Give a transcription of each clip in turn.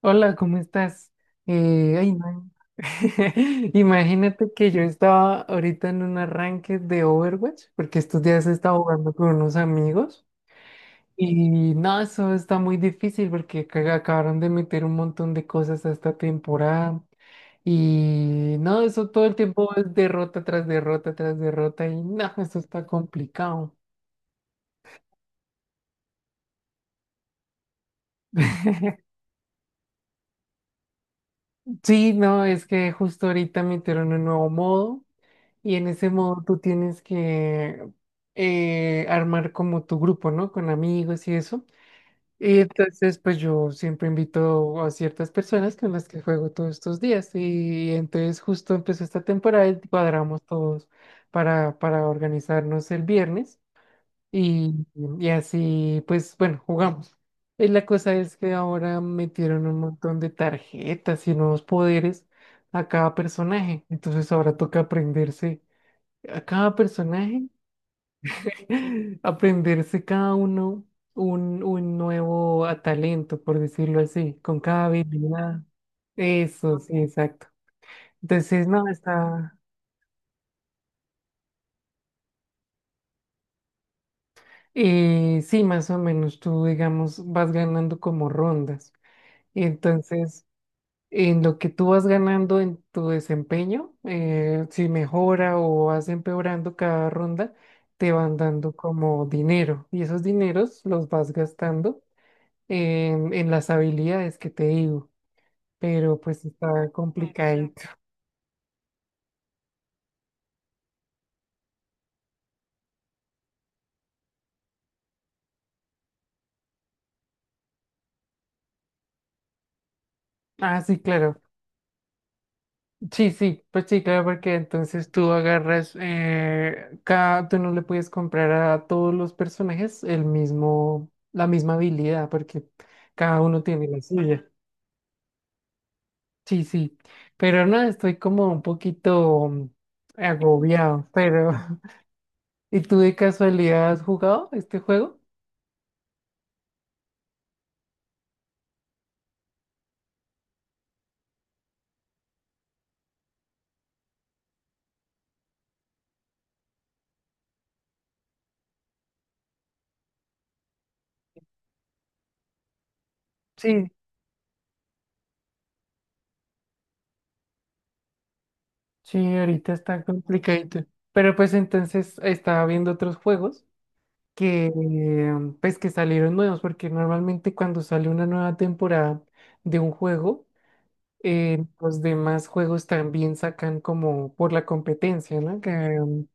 Hola, ¿cómo estás? Ay, no. Imagínate que yo estaba ahorita en un arranque de Overwatch, porque estos días he estado jugando con unos amigos y no, eso está muy difícil porque acabaron de meter un montón de cosas a esta temporada y no, eso todo el tiempo es derrota tras derrota tras derrota y no, eso está complicado. Sí, no, es que justo ahorita metieron un nuevo modo. Y en ese modo tú tienes que armar como tu grupo, ¿no? Con amigos y eso. Y entonces, pues yo siempre invito a ciertas personas con las que juego todos estos días. Y entonces justo empezó esta temporada y cuadramos todos para organizarnos el viernes. Y, y así, pues bueno, jugamos. Y la cosa es que ahora metieron un montón de tarjetas y nuevos poderes a cada personaje. Entonces ahora toca aprenderse a cada personaje, aprenderse cada uno un nuevo talento, por decirlo así, con cada habilidad. Eso, sí, exacto. Entonces, no, sí, más o menos tú, digamos, vas ganando como rondas. Y entonces, en lo que tú vas ganando en tu desempeño, si mejora o vas empeorando cada ronda, te van dando como dinero. Y esos dineros los vas gastando en las habilidades que te digo, pero pues está complicadito. Ah, sí, claro. Sí, sí, pues sí, claro, porque entonces tú agarras, cada, tú no le puedes comprar a todos los personajes el mismo, la misma habilidad, porque cada uno tiene la suya. Sí, sí, pero no, estoy como un poquito agobiado, pero ¿y tú de casualidad has jugado este juego? Sí. Sí, ahorita está complicadito. Pero pues entonces estaba viendo otros juegos que que salieron nuevos, porque normalmente cuando sale una nueva temporada de un juego, los demás juegos también sacan como por la competencia, ¿no? Um,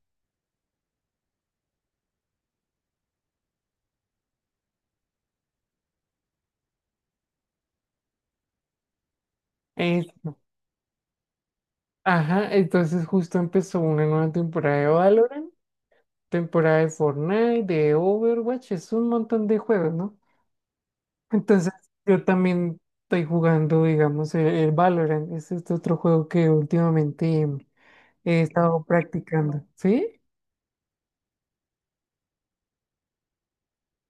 Eso. Ajá, entonces justo empezó una nueva temporada de Valorant, temporada de Fortnite, de Overwatch, es un montón de juegos, ¿no? Entonces, yo también estoy jugando, digamos, el Valorant. Es este otro juego que últimamente he estado practicando. ¿Sí?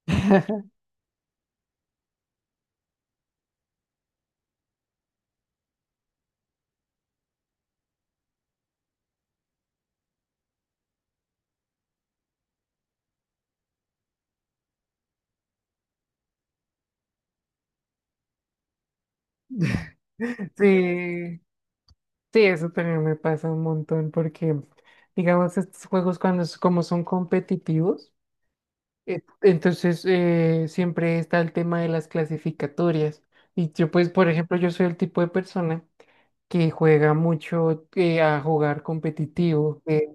Sí, sí, eso también me pasa un montón porque, digamos, estos juegos cuando como son competitivos, entonces siempre está el tema de las clasificatorias. Y yo, pues, por ejemplo, yo soy el tipo de persona que juega mucho a jugar competitivo.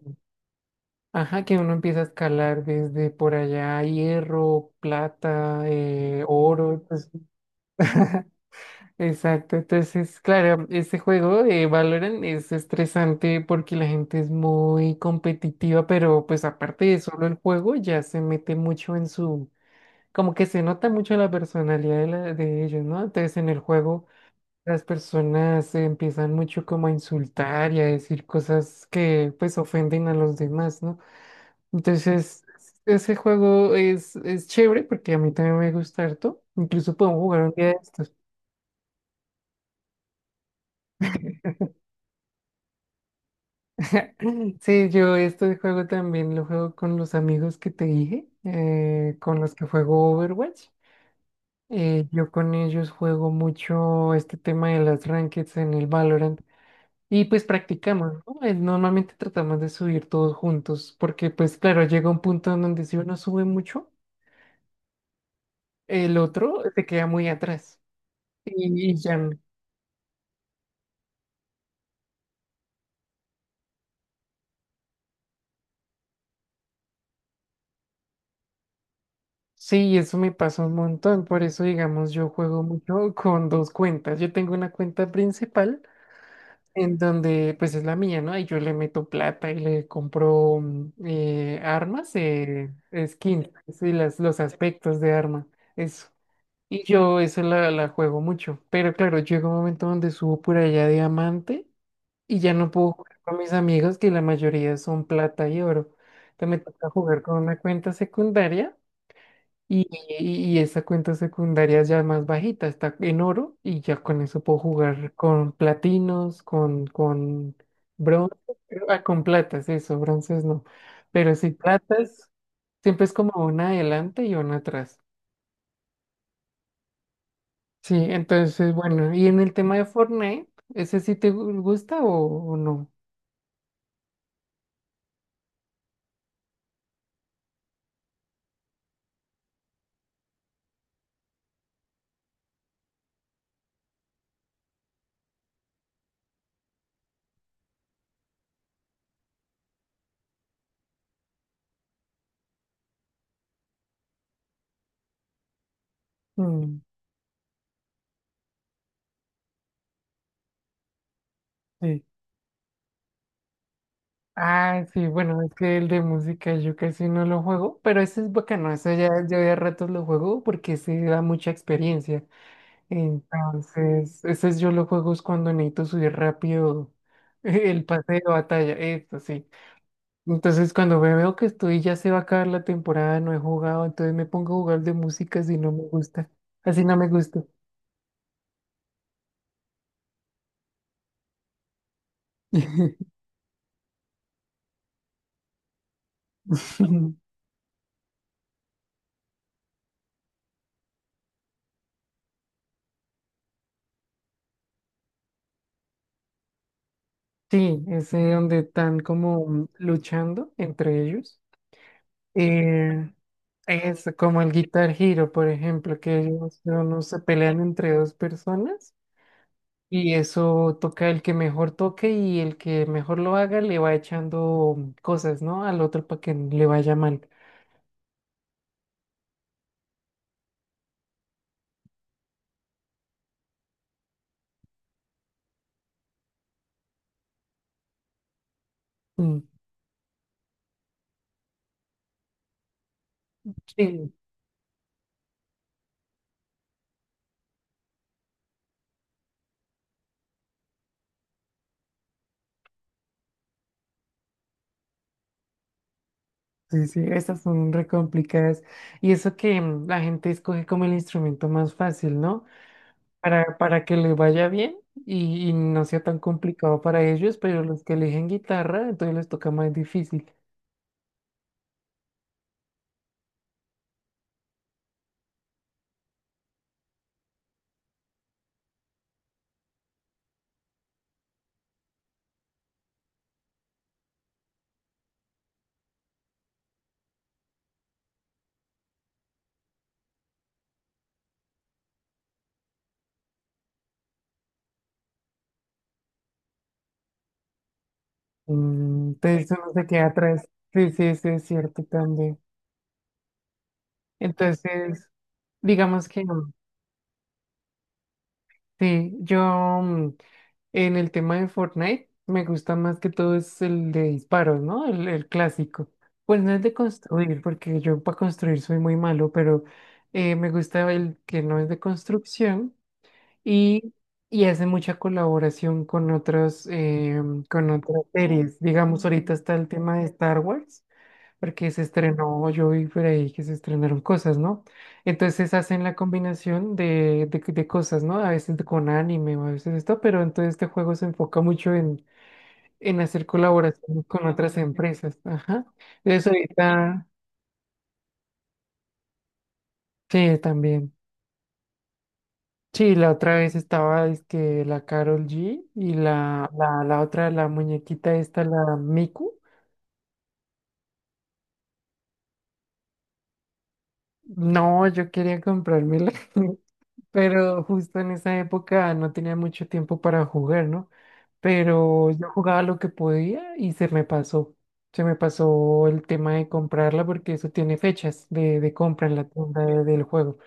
Ajá, que uno empieza a escalar desde por allá, hierro, plata, oro, pues, exacto. Entonces, claro, este juego de Valorant es estresante porque la gente es muy competitiva, pero pues aparte de solo el juego, ya se mete mucho en su, como que se nota mucho la personalidad de, de ellos, ¿no? Entonces, en el juego, las personas se empiezan mucho como a insultar y a decir cosas que pues ofenden a los demás, ¿no? Entonces, ese juego es chévere porque a mí también me gusta harto. Incluso podemos jugar un día de estos. Sí, yo este juego también lo juego con los amigos que te dije, con los que juego Overwatch. Yo con ellos juego mucho este tema de las rankings en el Valorant y pues practicamos, ¿no? Normalmente tratamos de subir todos juntos porque pues claro, llega un punto en donde si uno sube mucho, el otro se queda muy atrás. Y ya, no. Sí, eso me pasa un montón, por eso digamos yo juego mucho con dos cuentas. Yo tengo una cuenta principal en donde pues es la mía, ¿no? Y yo le meto plata y le compro armas, skins y las, los aspectos de arma, eso. Y yo eso la juego mucho, pero claro, llega un momento donde subo por allá diamante y ya no puedo jugar con mis amigos que la mayoría son plata y oro. Entonces me toca jugar con una cuenta secundaria y esa cuenta secundaria ya más bajita, está en oro y ya con eso puedo jugar con platinos, con bronce, ah, con platas, eso, bronces no. Pero si platas, siempre es como una adelante y una atrás. Sí, entonces, bueno, y en el tema de Fortnite, ¿ese sí te gusta o no? Mm, sí. Ah, sí, bueno, es que el de música yo casi no lo juego, pero ese es bacano, ese ya yo de a ratos lo juego porque se da mucha experiencia. Entonces, estos yo lo juego es cuando necesito subir rápido el pase de batalla, esto sí. Entonces, cuando veo que estoy, ya se va a acabar la temporada, no he jugado, entonces me pongo a jugar de música si no me gusta. Así no me gusta. Sí, ese donde están como luchando entre ellos. Eh, es como el Guitar Hero, por ejemplo, que ellos no se pelean entre dos personas. Y eso toca el que mejor toque y el que mejor lo haga le va echando cosas, ¿no? Al otro para que le vaya mal. Mm, sí, sí, sí, estas son re complicadas. Y eso que la gente escoge como el instrumento más fácil, ¿no? Para que le vaya bien y no sea tan complicado para ellos, pero los que eligen guitarra, entonces les toca más difícil. Mm, entonces uno se queda atrás. Sí, sí, sí, es cierto también. Entonces, digamos que... sí, yo mm, en el tema de Fortnite me gusta más que todo es el de disparos, ¿no? El clásico. Pues no es de construir, porque yo para construir soy muy malo, pero me gusta el que no es de construcción y, y hace mucha colaboración con otras series. Digamos, ahorita está el tema de Star Wars porque se estrenó, yo vi por ahí que se estrenaron cosas, ¿no? Entonces hacen la combinación de, de cosas, ¿no? A veces con anime o a veces esto, pero entonces este juego se enfoca mucho en hacer colaboraciones con otras empresas, ajá. Eso ahorita, sí, también. Sí, la otra vez estaba, es que la Carol G y la otra, la muñequita esta, la Miku. No, yo quería comprármela, pero justo en esa época no tenía mucho tiempo para jugar, ¿no? Pero yo jugaba lo que podía y se me pasó. Se me pasó el tema de comprarla porque eso tiene fechas de compra en la tienda del juego.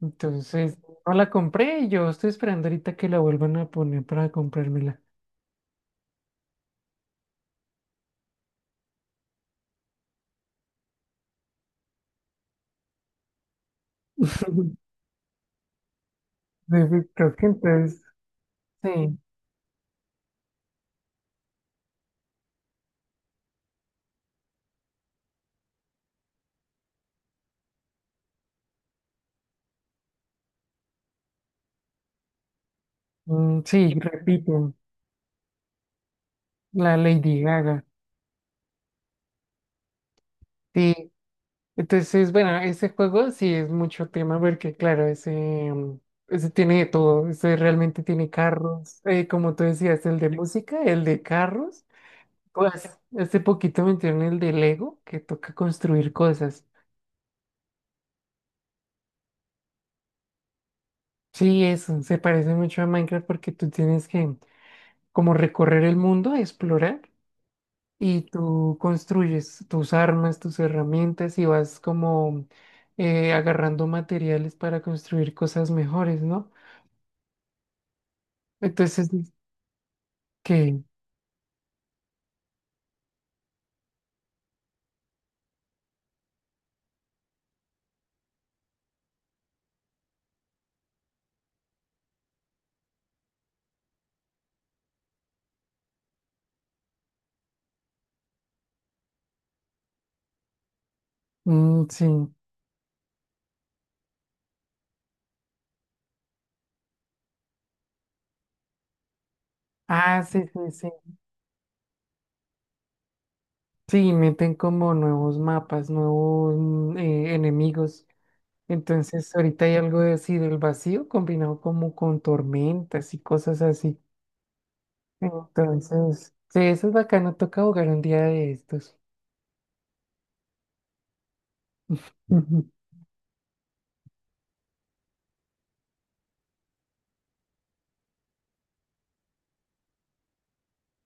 Entonces, no la compré y yo estoy esperando ahorita que la vuelvan a poner para comprármela. Entonces, creo que entonces, sí, sí, repito, la Lady Gaga. Sí, entonces, bueno, ese juego sí es mucho tema porque, claro, ese, ese tiene de todo, ese realmente tiene carros, como tú decías, el de música, el de carros, pues hace poquito metieron el de Lego, que toca construir cosas. Sí, eso, se parece mucho a Minecraft porque tú tienes que como recorrer el mundo, explorar, y tú construyes tus armas, tus herramientas y vas como agarrando materiales para construir cosas mejores, ¿no? Entonces, que, sí. Ah, sí, sí, sí. Sí, meten como nuevos mapas, nuevos enemigos. Entonces, ahorita hay algo de así del vacío combinado como con tormentas y cosas así. Entonces, sí, eso es bacano. Toca jugar un día de estos. Ujú.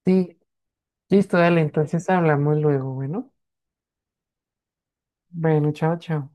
Sí, listo, dale. Entonces hablamos luego. Bueno, bueno, chao, chao.